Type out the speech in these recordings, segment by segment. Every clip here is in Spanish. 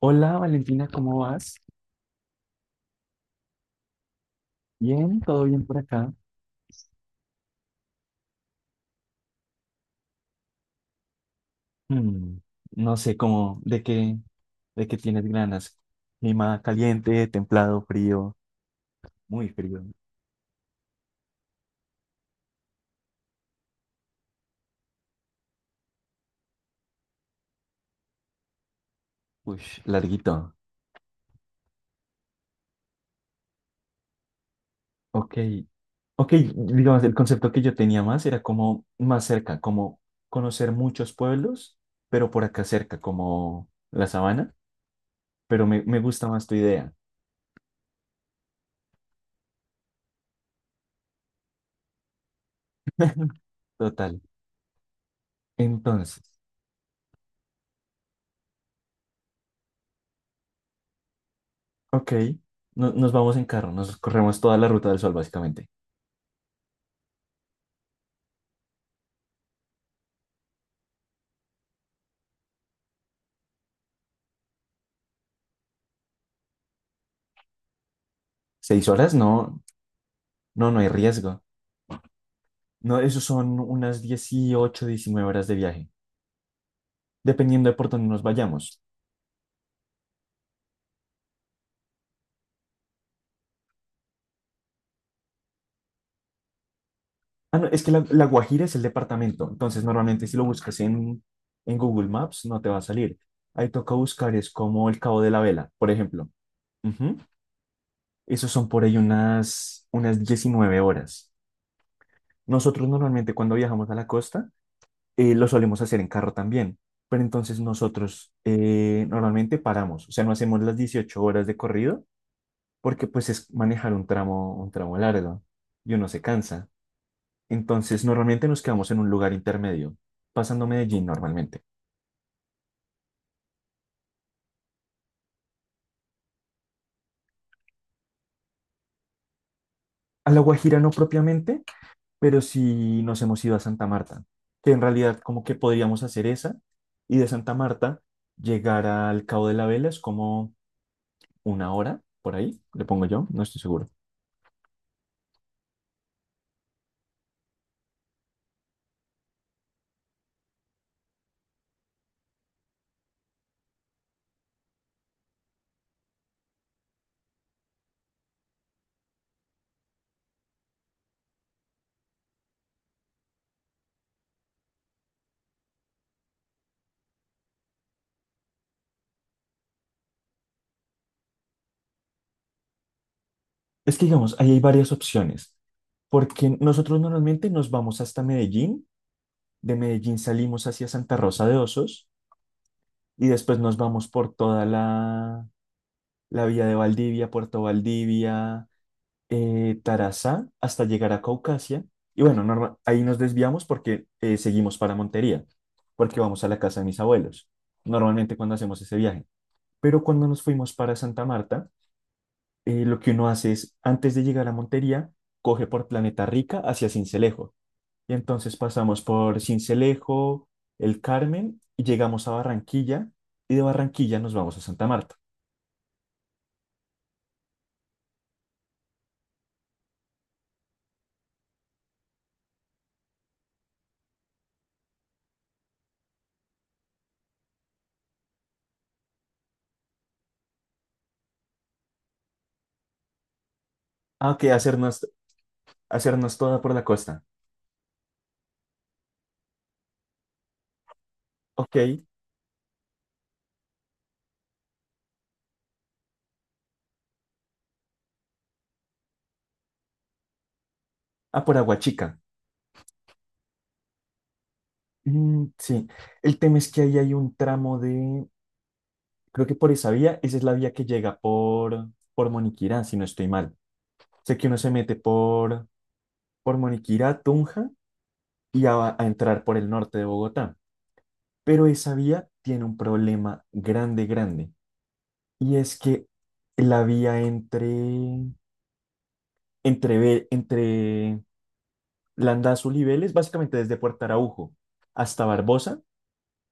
Hola Valentina, ¿cómo vas? Bien, todo bien por acá. Mm, no sé cómo, de qué tienes ganas. Clima caliente, templado, frío, muy frío. Uy, larguito. Ok, ok, digamos, el concepto que yo tenía más era como más cerca, como conocer muchos pueblos, pero por acá cerca, como la Sabana, pero me gusta más tu idea. Total. Entonces, ok, nos vamos en carro, nos corremos toda la Ruta del Sol básicamente. 6 horas, no. No, no hay riesgo. No, eso son unas 18, 19 horas de viaje, dependiendo de por dónde nos vayamos. Ah, no, es que la Guajira es el departamento, entonces normalmente si lo buscas en Google Maps no te va a salir. Ahí toca buscar, es como el Cabo de la Vela, por ejemplo. Ujú. Esos son por ahí unas 19 horas. Nosotros normalmente cuando viajamos a la costa lo solemos hacer en carro también, pero entonces nosotros normalmente paramos, o sea, no hacemos las 18 horas de corrido, porque pues es manejar un tramo largo y uno se cansa. Entonces, normalmente nos quedamos en un lugar intermedio, pasando Medellín normalmente. A La Guajira no propiamente, pero sí nos hemos ido a Santa Marta, que en realidad como que podríamos hacer esa, y de Santa Marta llegar al Cabo de la Vela es como una hora por ahí, le pongo yo, no estoy seguro. Es que, digamos, ahí hay varias opciones, porque nosotros normalmente nos vamos hasta Medellín, de Medellín salimos hacia Santa Rosa de Osos y después nos vamos por toda la vía de Valdivia, Puerto Valdivia, Tarazá, hasta llegar a Caucasia. Y bueno, ahí nos desviamos porque seguimos para Montería, porque vamos a la casa de mis abuelos, normalmente, cuando hacemos ese viaje. Pero cuando nos fuimos para Santa Marta, lo que uno hace es, antes de llegar a Montería, coge por Planeta Rica hacia Sincelejo. Y entonces pasamos por Sincelejo, El Carmen, y llegamos a Barranquilla, y de Barranquilla nos vamos a Santa Marta. Ah, ok, hacernos toda por la costa. Ok. Ah, por Aguachica. Sí. El tema es que ahí hay un tramo de... Creo que por esa vía, esa es la vía que llega por Moniquirá, si no estoy mal. Sé que uno se mete por Moniquirá, Tunja, y ya va a entrar por el norte de Bogotá. Pero esa vía tiene un problema grande, grande. Y es que la vía entre Landazuri y Vélez, básicamente desde Puerto Araujo hasta Barbosa,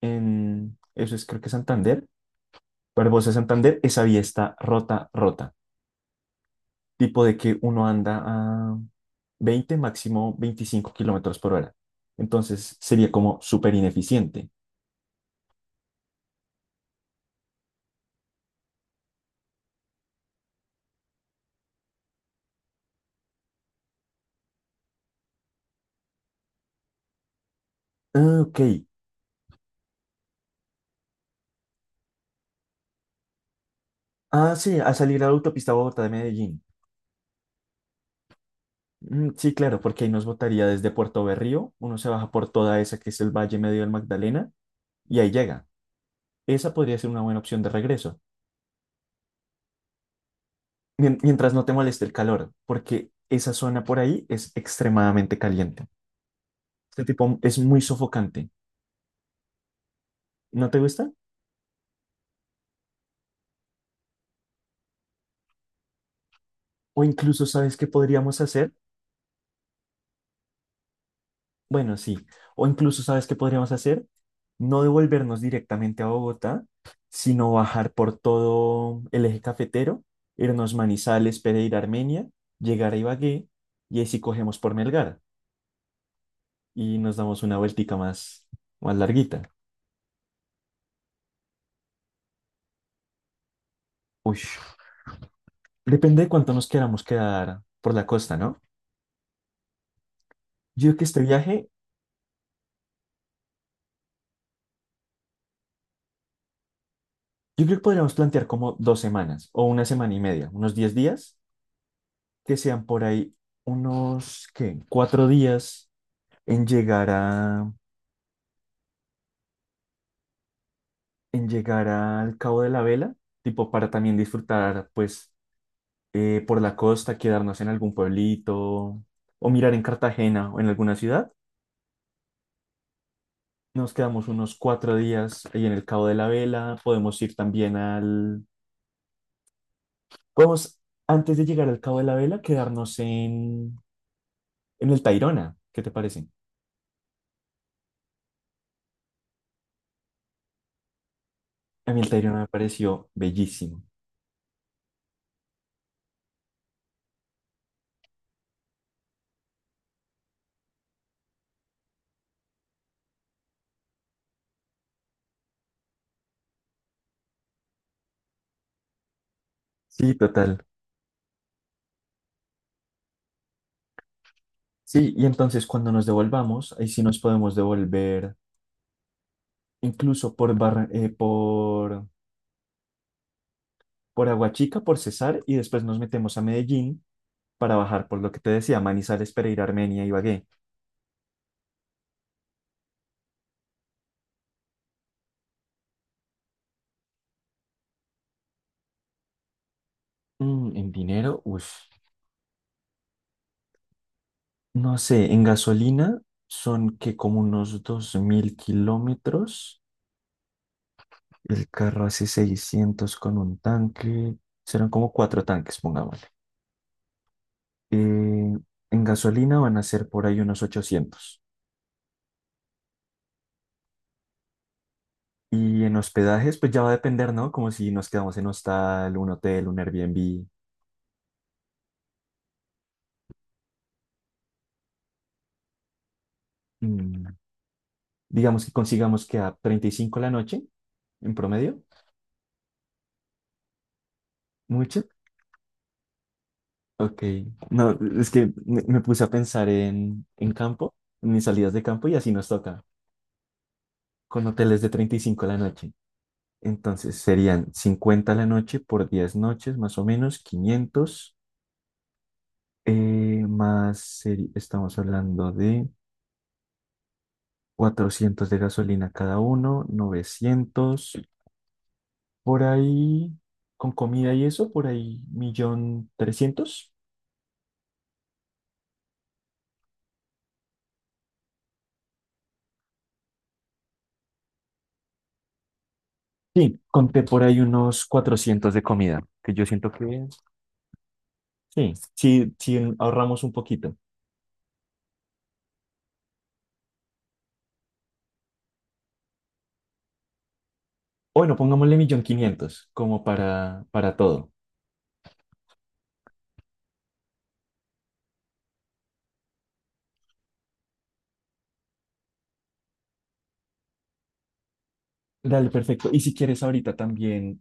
eso es creo que Santander, Barbosa, Santander, esa vía está rota, rota, tipo de que uno anda a 20, máximo 25 kilómetros por hora. Entonces sería como súper ineficiente. Ah, ok. Ah, sí, a salir a la autopista Bogotá de Medellín. Sí, claro, porque ahí nos botaría desde Puerto Berrío, uno se baja por toda esa que es el Valle Medio del Magdalena, y ahí llega. Esa podría ser una buena opción de regreso, mientras no te moleste el calor, porque esa zona por ahí es extremadamente caliente. Este tipo es muy sofocante. ¿No te gusta? O incluso, ¿sabes qué podríamos hacer? Bueno, sí. O incluso, ¿sabes qué podríamos hacer? No devolvernos directamente a Bogotá, sino bajar por todo el Eje Cafetero, irnos Manizales, Pereira, Armenia, llegar a Ibagué, y ahí sí cogemos por Melgar y nos damos una vueltica más, más larguita. Uy, depende de cuánto nos queramos quedar por la costa, ¿no? Yo creo que este viaje, yo creo que podríamos plantear como 2 semanas, o una semana y media, unos 10 días, que sean por ahí unos, ¿qué?, 4 días en llegar a, en llegar al Cabo de la Vela, tipo para también disfrutar, pues, por la costa, quedarnos en algún pueblito o mirar en Cartagena o en alguna ciudad. Nos quedamos unos 4 días ahí en el Cabo de la Vela. Podemos ir también al... Podemos, antes de llegar al Cabo de la Vela, quedarnos en el Tayrona. ¿Qué te parece? A mí el Tayrona me pareció bellísimo. Sí, total. Sí, y entonces cuando nos devolvamos, ahí sí nos podemos devolver incluso por Aguachica, por Cesar, y después nos metemos a Medellín para bajar por lo que te decía: Manizales, Pereira, Armenia, Ibagué. En dinero, uff, no sé. En gasolina son, que como unos 2.000 kilómetros. El carro hace 600 con un tanque, serán como 4 tanques, pongámosle. Eh, en gasolina van a ser por ahí unos 800. Y en hospedajes, pues ya va a depender, ¿no? Como si nos quedamos en hostal, un hotel, un Airbnb. Mm, digamos que consigamos que a 35 la noche en promedio. ¿Mucho? Ok. No, es que me puse a pensar en campo, en mis salidas de campo, y así nos toca, con hoteles de 35 la noche. Entonces serían 50 la noche por 10 noches, más o menos, 500, más, estamos hablando de 400 de gasolina cada uno, 900 por ahí, con comida y eso, por ahí, 1.300.000. Sí, conté por ahí unos 400 de comida, que yo siento que sí, sí, sí, ahorramos un poquito. O bueno, pongámosle 1.500.000 como para todo. Dale, perfecto. Y si quieres ahorita también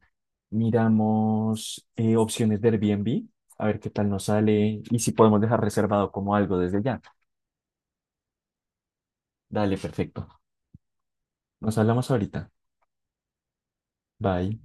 miramos opciones de Airbnb, a ver qué tal nos sale y si podemos dejar reservado como algo desde ya. Dale, perfecto. Nos hablamos ahorita. Bye.